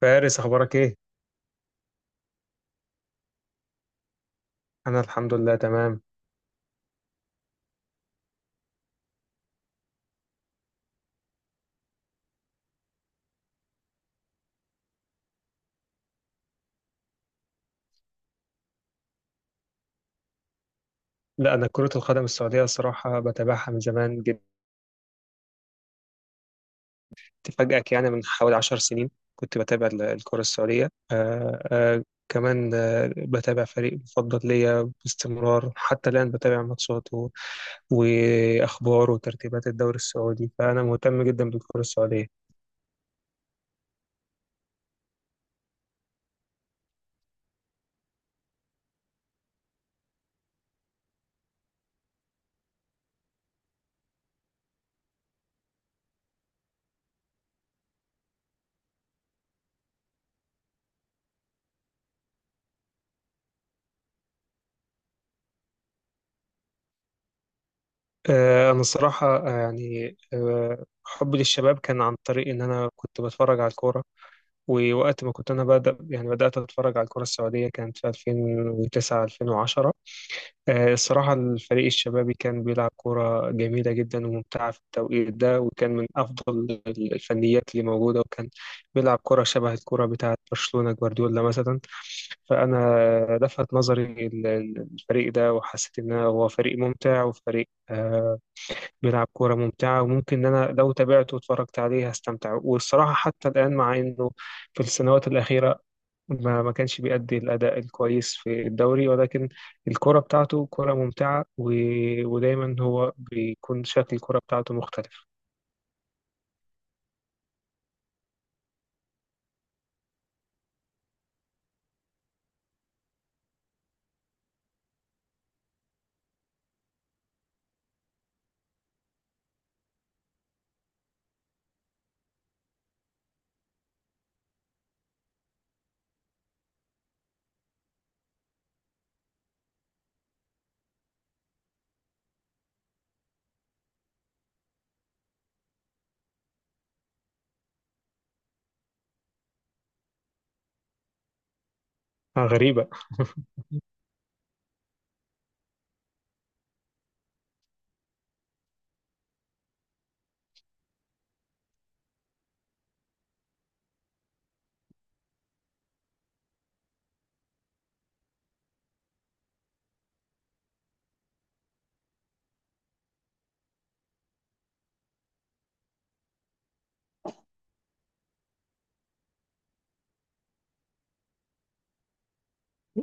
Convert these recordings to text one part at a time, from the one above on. فارس، أخبارك إيه؟ أنا الحمد لله تمام. لا، أنا كرة القدم السعودية الصراحة بتابعها من زمان جدا. أفاجئك يعني من حوالي 10 سنين كنت بتابع الكرة السعودية. كمان بتابع فريق مفضل ليا باستمرار، حتى الآن بتابع ماتشاته وأخباره وترتيبات الدوري السعودي، فأنا مهتم جدا بالكرة السعودية. أنا الصراحة يعني حبي للشباب كان عن طريق إن أنا كنت بتفرج على الكورة. ووقت ما كنت انا بدأ يعني بدأت اتفرج على الكرة السعودية كانت في 2009 2010. الصراحة الفريق الشبابي كان بيلعب كرة جميلة جدا وممتعة في التوقيت ده، وكان من افضل الفنيات اللي موجودة، وكان بيلعب كرة شبه الكرة بتاعة برشلونة جوارديولا مثلا. فأنا لفت نظري الفريق ده، وحسيت إن هو فريق ممتع وفريق بيلعب كورة ممتعة، وممكن إن أنا لو تابعته واتفرجت عليه هستمتع. والصراحة حتى الآن مع إنه في السنوات الأخيرة ما كانش بيأدي الأداء الكويس في الدوري، ولكن الكرة بتاعته كرة ممتعة ودايما هو بيكون شكل الكرة بتاعته مختلف. غريبة.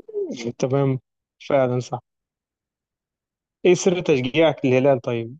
تمام. فعلا صح. إيه سر تشجيعك للهلال طيب؟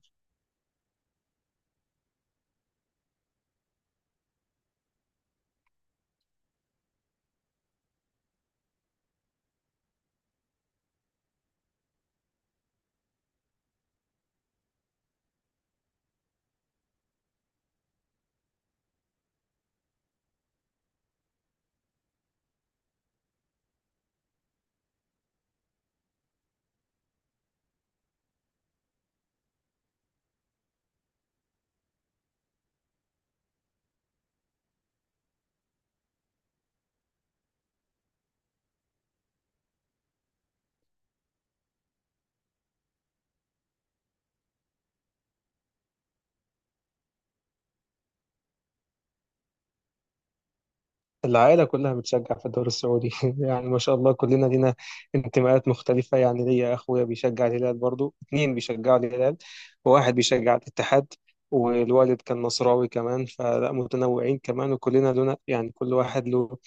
العائلة كلها بتشجع في الدوري السعودي. يعني ما شاء الله كلنا لينا انتماءات مختلفة، يعني ليا أخويا بيشجع الهلال، برضو اتنين بيشجعوا الهلال، وواحد بيشجع الاتحاد، والوالد كان نصراوي كمان. فلا متنوعين كمان، وكلنا لنا يعني كل واحد له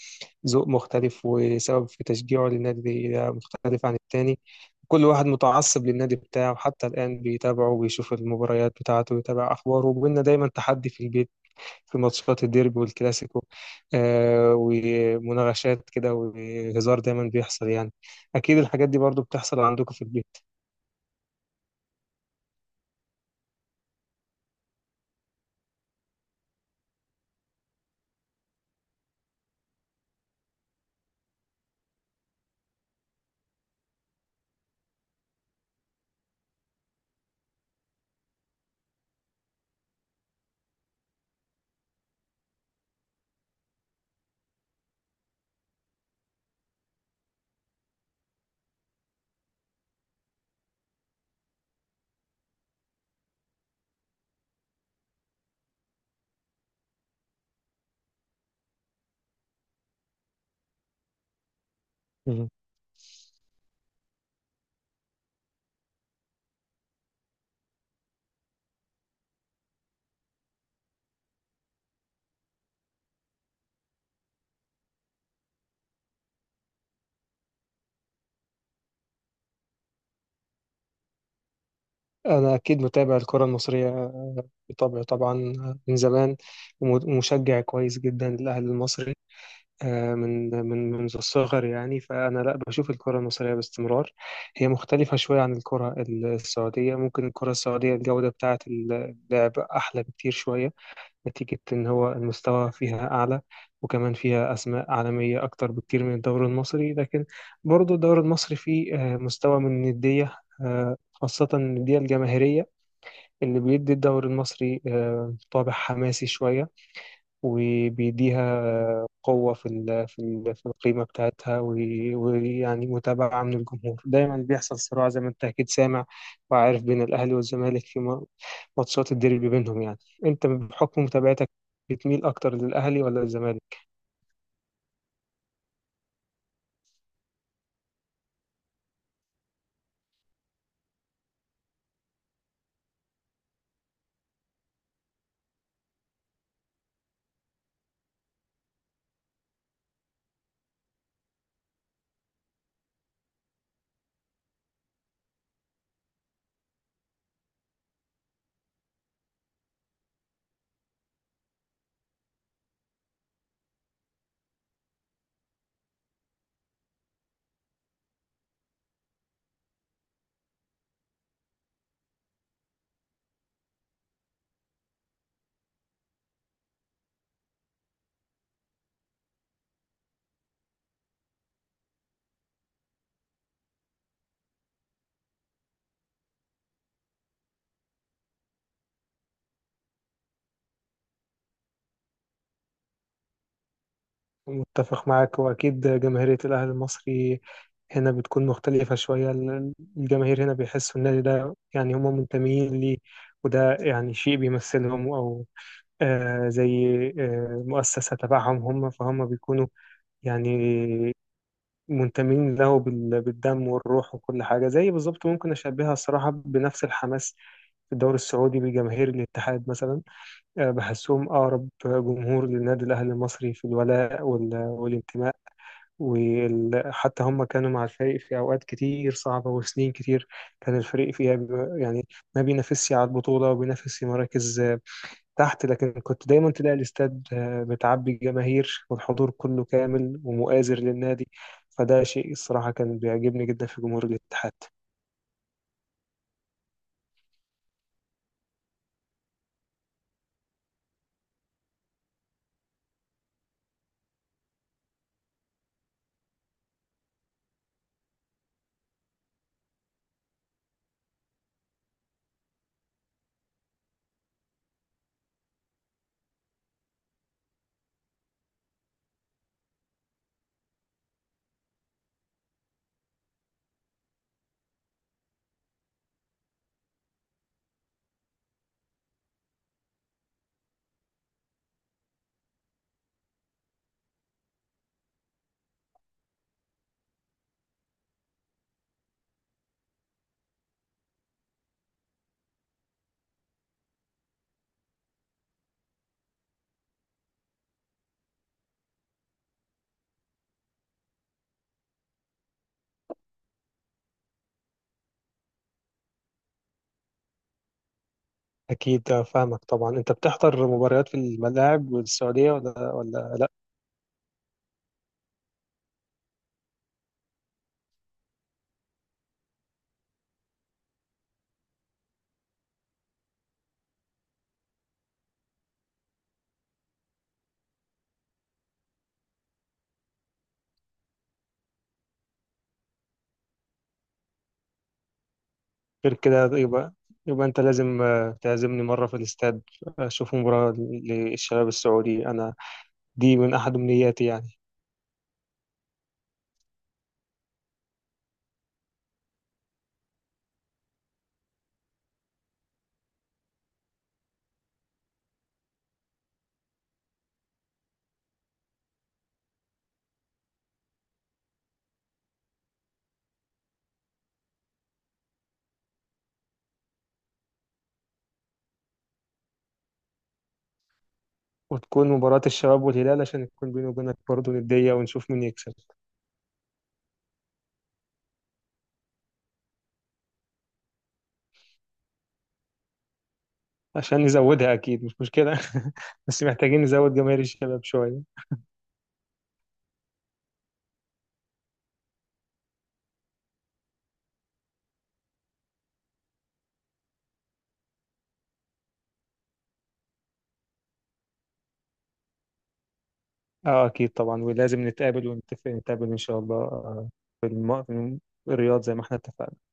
ذوق مختلف وسبب في تشجيعه للنادي ده مختلف عن التاني. كل واحد متعصب للنادي بتاعه حتى الآن بيتابعه، وبيشوف المباريات بتاعته، ويتابع أخباره، وبينا دايما تحدي في البيت في ماتشات الديربي والكلاسيكو. ومناغشات كده وهزار دايما بيحصل يعني. أكيد الحاجات دي برضو بتحصل عندكم في البيت. مم. أنا أكيد متابع الكرة المصرية بطبعي طبعا، من زمان ومشجع كويس جدا للأهلي المصري، من من منذ الصغر يعني. فأنا لا بشوف الكرة المصرية باستمرار. هي مختلفة شوية عن الكرة السعودية، ممكن الكرة السعودية الجودة بتاعة اللعب أحلى بكتير شوية، نتيجة إن هو المستوى فيها أعلى، وكمان فيها أسماء عالمية أكتر بكتير من الدوري المصري. لكن برضو الدوري المصري فيه مستوى من الندية، خاصة الندية الجماهيرية اللي بيدي الدوري المصري طابع حماسي شوية، وبيديها قوة في القيمة بتاعتها ويعني متابعة من الجمهور. دايما بيحصل صراع زي ما أنت أكيد سامع وعارف بين الأهلي والزمالك في ماتشات الديربي بينهم يعني. انت بحكم متابعتك بتميل اكتر للاهلي ولا الزمالك؟ متفق معاك، واكيد جماهيرية الاهلي المصري هنا بتكون مختلفة شوية. الجماهير هنا بيحسوا النادي ده يعني هم منتمين ليه، وده يعني شيء بيمثلهم، أو زي مؤسسة تبعهم هم، فهم بيكونوا يعني منتمين له بالدم والروح وكل حاجة. زي بالظبط ممكن أشبهها الصراحة بنفس الحماس في الدوري السعودي بجماهير الاتحاد مثلا. بحسهم أقرب جمهور للنادي الأهلي المصري في الولاء والانتماء، وحتى هم كانوا مع الفريق في أوقات كتير صعبة وسنين كتير كان الفريق فيها يعني ما بينافسش على البطولة وبينافس في مراكز تحت. لكن كنت دايما تلاقي الاستاد متعبي الجماهير والحضور كله كامل ومؤازر للنادي. فده شيء الصراحة كان بيعجبني جدا في جمهور الاتحاد. أكيد فاهمك طبعا. أنت بتحضر مباريات في الملاعب والسعودية ولا لأ؟ غير كده يبقى أنت لازم تعزمني مرة في الاستاد أشوف مباراة للشباب السعودي. أنا دي من أحد أمنياتي يعني. وتكون مباراة الشباب والهلال عشان يكون بيني وبينك برضه ندية ونشوف مين يكسب. عشان نزودها أكيد مش مشكلة. بس محتاجين نزود جماهير الشباب شوية. أكيد طبعا، ولازم نتقابل ونتفق، نتقابل إن شاء الله في الرياض زي ما احنا اتفقنا.